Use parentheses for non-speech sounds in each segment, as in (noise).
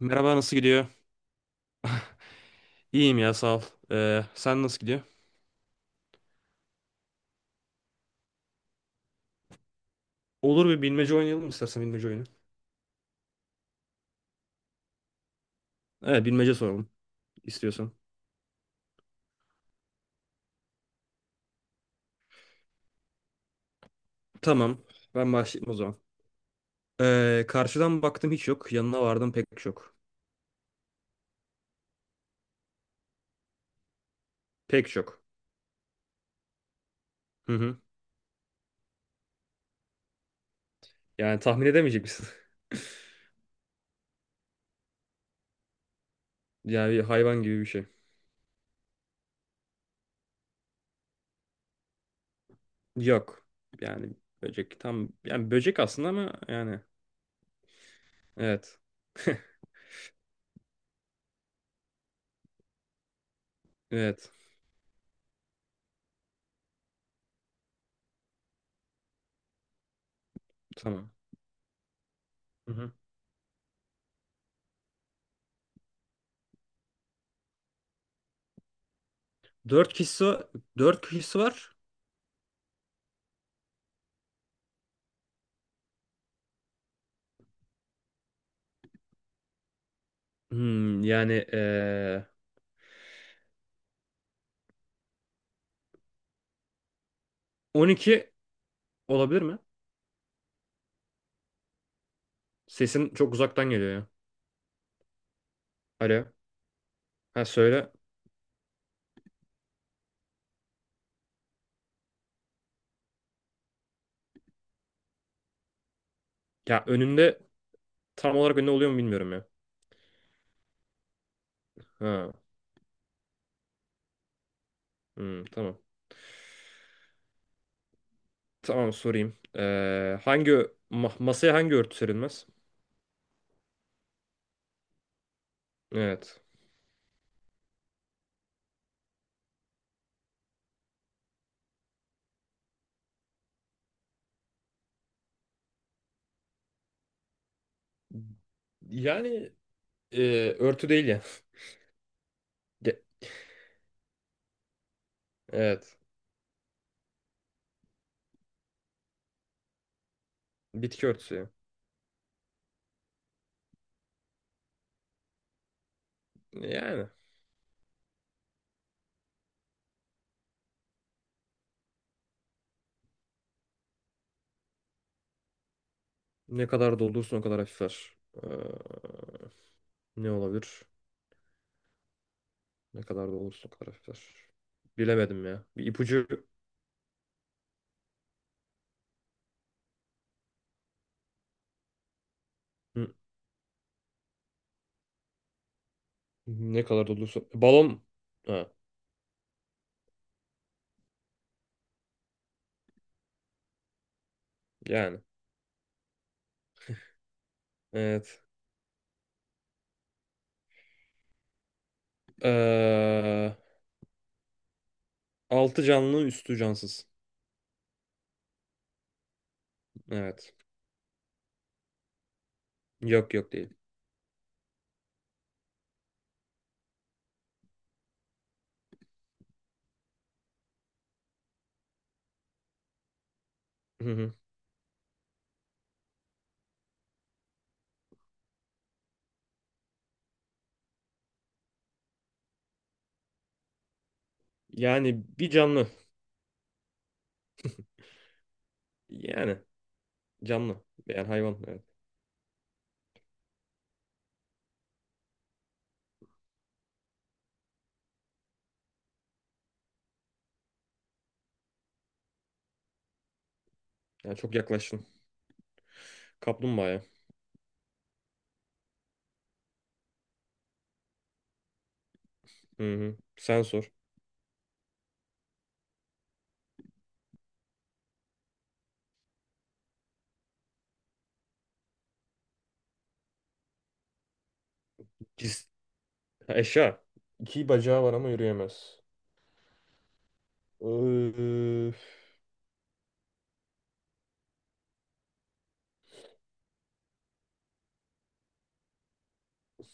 Merhaba, nasıl gidiyor? İyiyim ya, sağ ol. Sen nasıl gidiyor? Olur, bir bilmece oynayalım mı istersen, bilmece oyunu. Evet, bilmece soralım istiyorsan. Tamam, ben başlayayım o zaman. Karşıdan baktım hiç yok. Yanına vardım pek çok. Pek çok. Hı hı. Yani tahmin edemeyecek misin? (laughs) Yani bir hayvan gibi bir şey. Yok. Yani Böcek tam, yani böcek aslında, ama yani evet. Evet. Tamam. Hı hı. Dört kişisi, dört kişisi var. Hmm, yani ee, 12 olabilir mi? Sesin çok uzaktan geliyor ya. Alo. Ha, söyle. Ya önünde, tam olarak önünde oluyor mu bilmiyorum ya. Ha. Hmm, tamam. Tamam, sorayım. Hangi masaya hangi örtü serilmez? Evet. Yani e, örtü değil ya. Ge- evet. Bitki örtüsü ya. Yani ne kadar doldurursun o kadar hafifler. Ee, Ne olabilir? Ne kadar doldurursun o kadar hafifler. Bilemedim ya. Bir ipucu. Hı, ne kadar doldurursun. Balon. Ha, yani. Evet. Ee, Altı canlı üstü cansız. Evet. Yok yok, değil. Hı hı. Yani bir canlı. Yani canlı. Yani hayvan. Evet. Yani çok yaklaştın. Kaplumbağaya. Hı hı. Sen sor. Cis. Ha, eşya. İki bacağı var ama yürüyemez. Ee,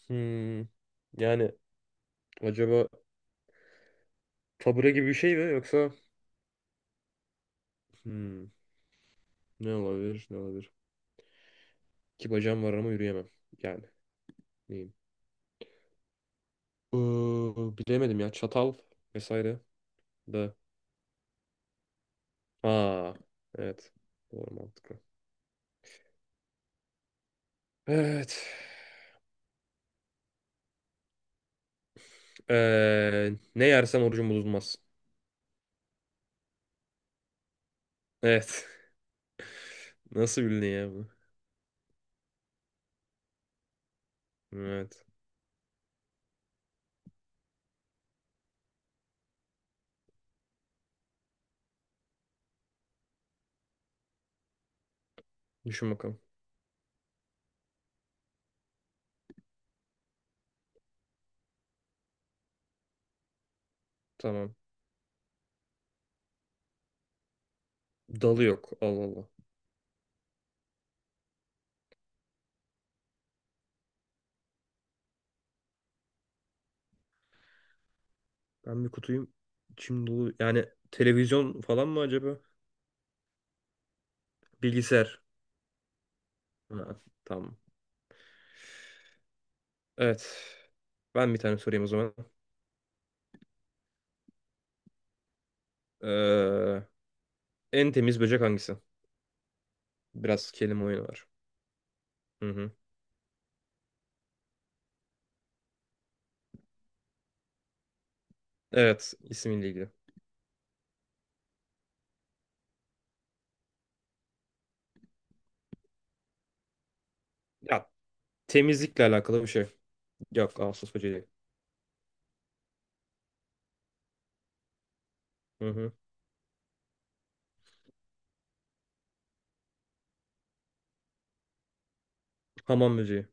hmm. Yani acaba tabure gibi bir şey mi, yoksa hmm. Ne olabilir? Ne olabilir? İki bacağım var ama yürüyemem. Yani neyim? Ee, Bilemedim ya. Çatal vesaire de. Aa, evet. Doğru, mantıklı. Evet. Ne yersen orucun bozulmaz. Evet. (laughs) Nasıl bildin ya bunu? Evet. Düşün bakalım. Tamam. Dalı yok. Allah Allah. Ben bir kutuyum. İçim dolu. Yani televizyon falan mı acaba? Bilgisayar. Ha, tamam. Evet. Ben bir tane sorayım o zaman. Ee, En temiz böcek hangisi? Biraz kelime oyunu var. Hı hı. Evet, ismiyle ilgili. Ya temizlikle alakalı bir şey. Yok. Ağustos böceği değil. Hı hı. Hamam böceği.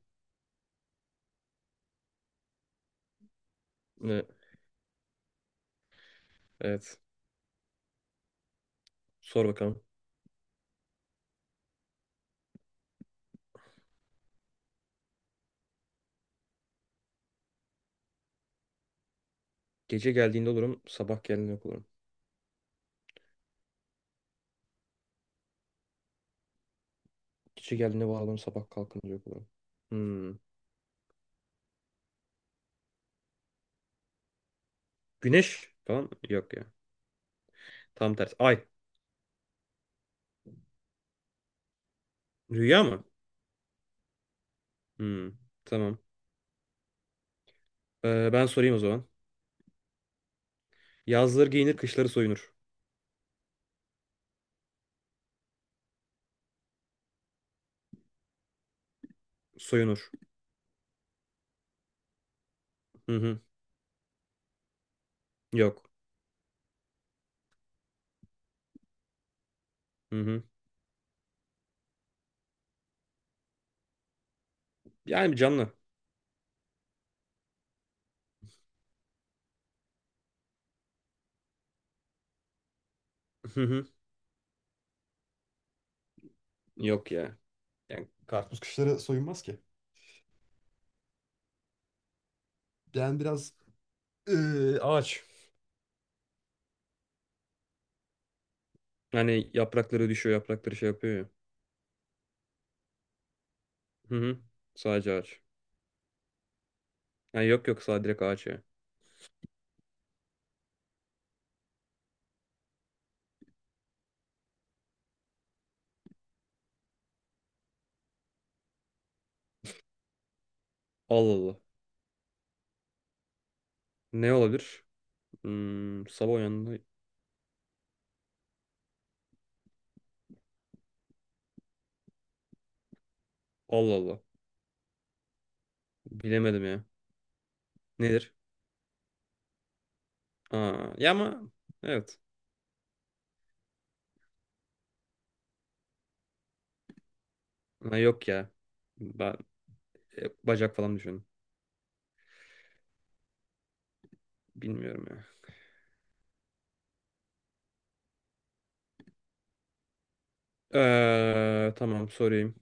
Ne? Evet. Sor bakalım. Gece geldiğinde olurum, sabah geldiğinde yok olurum. Gece geldiğinde var olurum, sabah kalkınca yok olurum. Hmm. Güneş falan mı? Yok ya. Tam tersi. Ay. Rüya mı? Hmm. Tamam. Ben sorayım o zaman. Yazları giyinir, kışları soyunur. Soyunur. Hı hı. Yok. Hı hı. Yani canlı. Hı hı. Yok ya. Yani karpuz kışları soyunmaz ki. Yani biraz ağaç. Yani yaprakları düşüyor, yaprakları şey yapıyor ya. Hı hı. Sadece ağaç. Ha, yok yok, sağ direkt ağaç. Allah Allah. Ne olabilir? Hmm, sabah uyandı. Allah Allah. Bilemedim ya. Nedir? Aa, ya ama evet. Ha, yok ya. Ben bacak falan düşündüm. Bilmiyorum ya. Tamam, sorayım.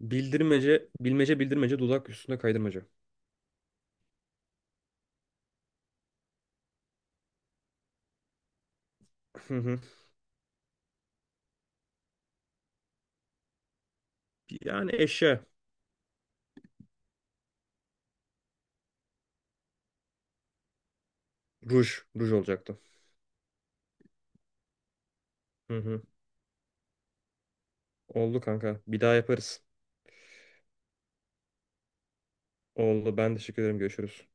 Bildirmece, bilmece bildirmece dudak üstünde kaydırmaca. Hı hı. Yani eşya. Ruj. Ruj olacaktı. Hı hı. Oldu kanka. Bir daha yaparız. Oldu. Ben teşekkür ederim. Görüşürüz.